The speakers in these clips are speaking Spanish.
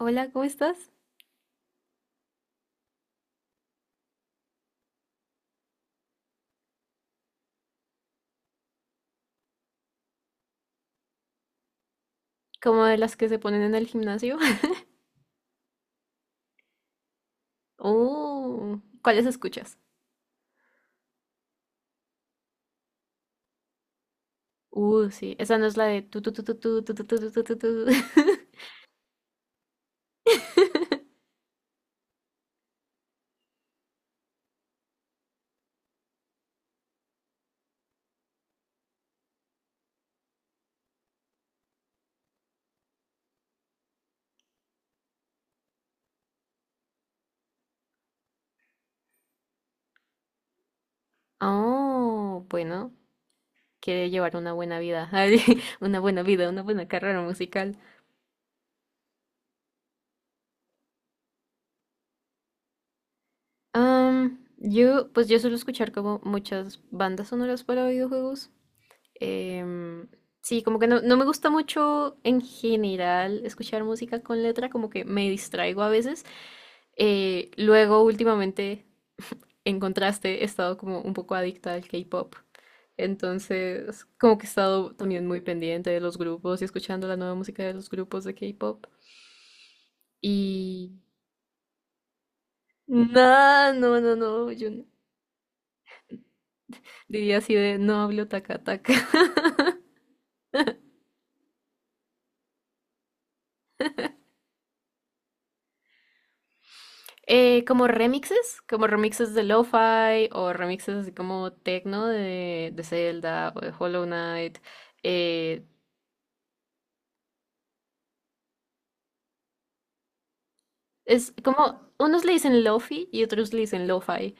Hola, ¿cómo estás? Como de las que se ponen en el gimnasio. ¿Cuáles escuchas? Sí, esa no es la de tu tu tu tu tu tu tu tu tu tu tu, tu. Oh, bueno, quiere llevar una buena vida, una buena vida, una buena carrera musical. Yo, pues yo suelo escuchar como muchas bandas sonoras para videojuegos. Em, sí, como que no me gusta mucho en general escuchar música con letra, como que me distraigo a veces. Luego, últimamente, en contraste, he estado como un poco adicta al K-pop. Entonces, como que he estado también muy pendiente de los grupos y escuchando la nueva música de los grupos de K-pop. Y nada, no, no, no, yo no- diría así de no hablo taca taca. Como remixes de lo-fi o remixes así como techno de Zelda o de Hollow Knight. eh, es como, unos le dicen lo-fi y otros le dicen lo-fi.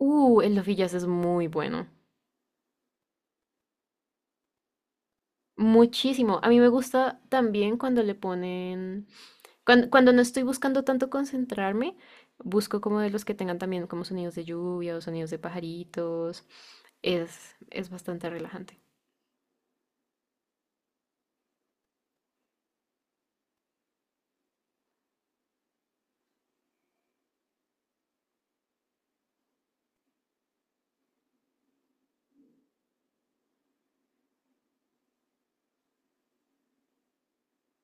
El Love y Jazz es muy bueno. Muchísimo. A mí me gusta también cuando le ponen. Cuando no estoy buscando tanto concentrarme, busco como de los que tengan también como sonidos de lluvia o sonidos de pajaritos. Es bastante relajante.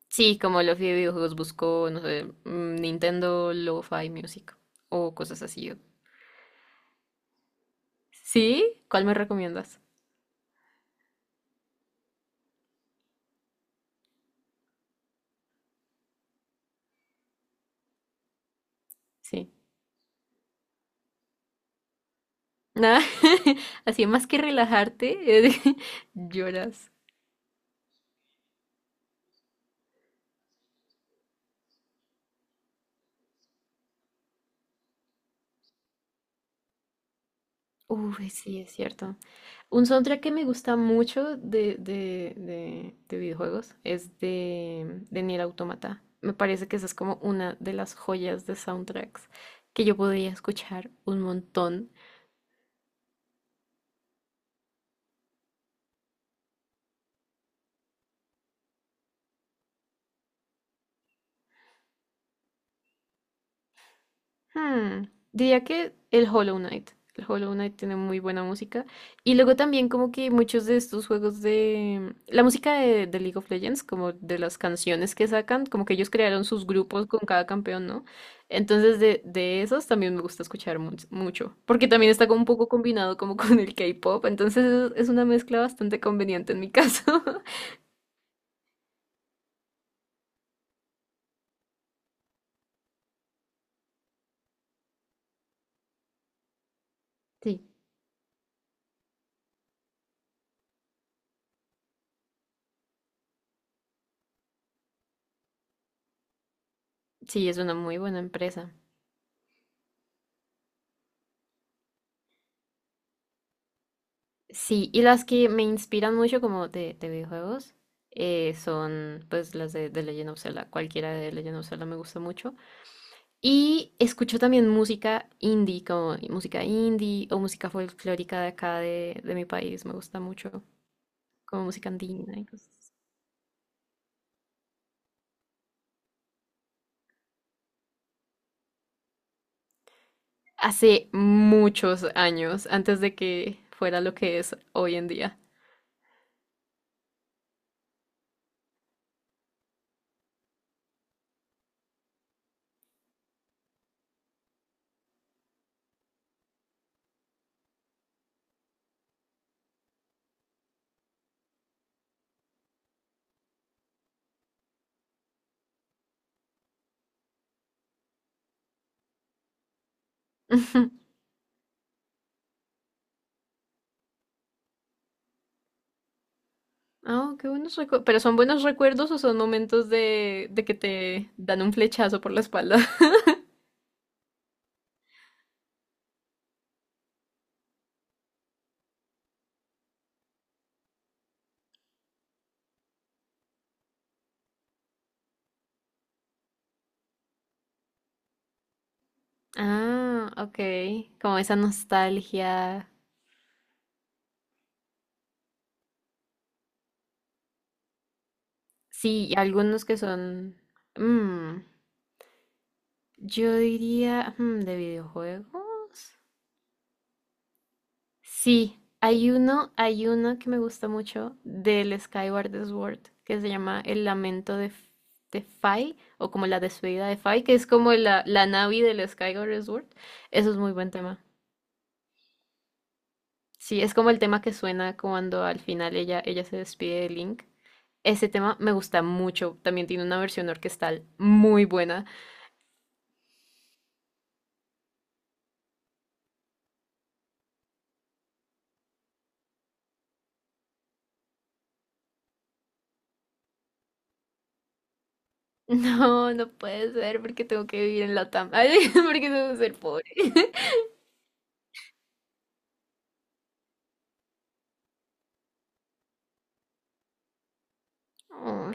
Sí, como Lofi de videojuegos busco, no sé, Nintendo Lo-Fi Music o cosas así. ¿Sí? ¿Cuál me recomiendas? Sí. Nada. Así, más que relajarte, lloras. Uy, sí, es cierto. Un soundtrack que me gusta mucho de videojuegos es de Nier Automata. Me parece que esa es como una de las joyas de soundtracks que yo podría escuchar un montón. Hmm, Diría que el Hollow Knight. El Hollow Knight tiene muy buena música. Y luego también como que muchos de estos juegos de… La música de League of Legends, como de las canciones que sacan, como que ellos crearon sus grupos con cada campeón, ¿no? Entonces de esos también me gusta escuchar mucho. Porque también está como un poco combinado como con el K-pop. Entonces es una mezcla bastante conveniente en mi caso. Sí, sí, es una muy buena empresa. Sí, y las que me inspiran mucho como de videojuegos son pues las de Legend of Zelda. Cualquiera de Legend of Zelda me gusta mucho. Y escucho también música indie, como música indie o música folclórica de acá de mi país. Me gusta mucho como música andina y cosas así. Hace muchos años, antes de que fuera lo que es hoy en día. Ah, qué buenos recuerdos. ¿Pero son buenos recuerdos o son momentos de que te dan un flechazo por la espalda? Ah, ok. Como esa nostalgia. Sí, y algunos que son. mm, yo diría. ¿De videojuegos? Sí, hay uno que me gusta mucho del Skyward Sword que se llama El Lamento de, de Fai, o como la despedida de Fai, que es como la Navi del Skyward Sword. Eso es muy buen tema. Sí, es como el tema que suena cuando al final ella se despide de Link. Ese tema me gusta mucho. También tiene una versión orquestal muy buena. No, no puede ser porque tengo que vivir en Latam. Ay, porque tengo que ser pobre. Ay.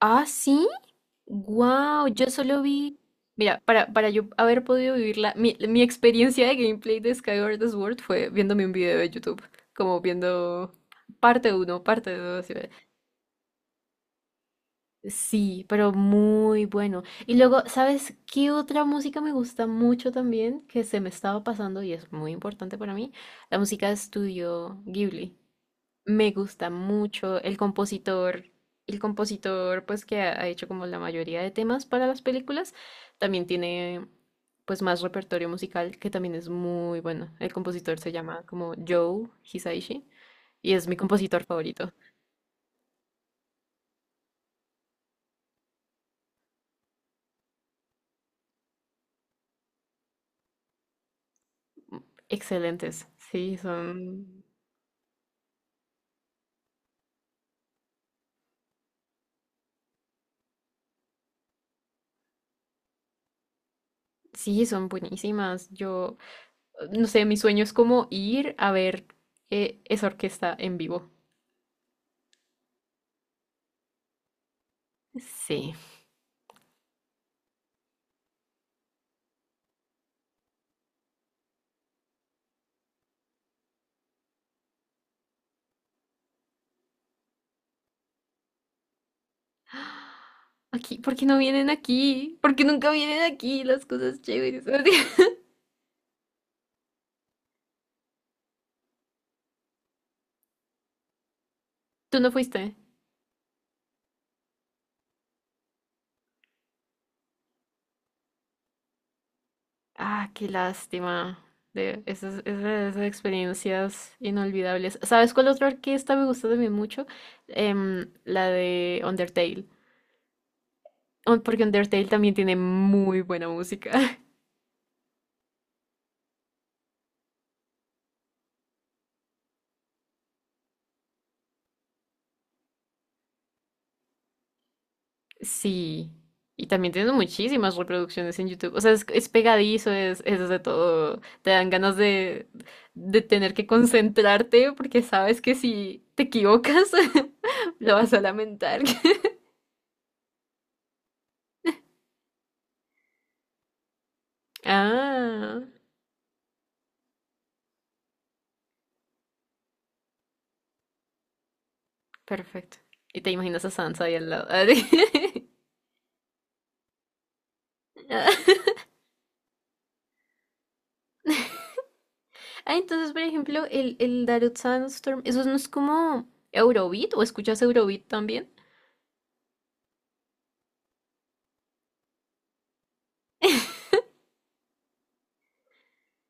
Ah, sí. Wow, yo solo vi. Mira, para yo haber podido vivirla, mi experiencia de gameplay de Skyward Sword fue viéndome un video de YouTube, como viendo parte uno, parte 2. Sí, pero muy bueno. Y luego, ¿sabes qué otra música me gusta mucho también? Que se me estaba pasando y es muy importante para mí. La música de estudio Ghibli. Me gusta mucho el compositor. El compositor, pues, que ha hecho como la mayoría de temas para las películas, también tiene, pues, más repertorio musical que también es muy bueno. El compositor se llama como Joe Hisaishi y es mi compositor favorito. Excelentes, sí, son sí, son buenísimas. Yo, no sé, mi sueño es como ir a ver esa orquesta en vivo. Sí. Aquí, ¿por qué no vienen aquí? ¿Por qué nunca vienen aquí las cosas chéveres? ¿Tú no fuiste? Ah, qué lástima. De esas experiencias inolvidables. ¿Sabes cuál otra orquesta me gusta también mucho? La de Undertale. Porque Undertale también tiene muy buena música. Sí, y también tiene muchísimas reproducciones en YouTube. O sea, es pegadizo, es de todo. Te dan ganas de tener que concentrarte porque sabes que si te equivocas, lo vas a lamentar. Ah, perfecto. Y te imaginas a Sansa ahí al lado. Ah, entonces, por ejemplo, el Darude Sandstorm, ¿eso no es como Eurobeat? ¿O escuchas Eurobeat también?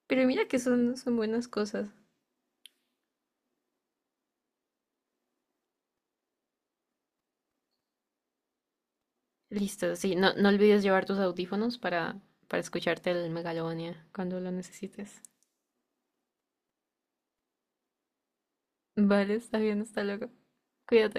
Pero mira que son, son buenas cosas. Listo, sí, no, no olvides llevar tus audífonos para escucharte el Megalovania cuando lo necesites. Vale, está bien, hasta luego. Cuídate.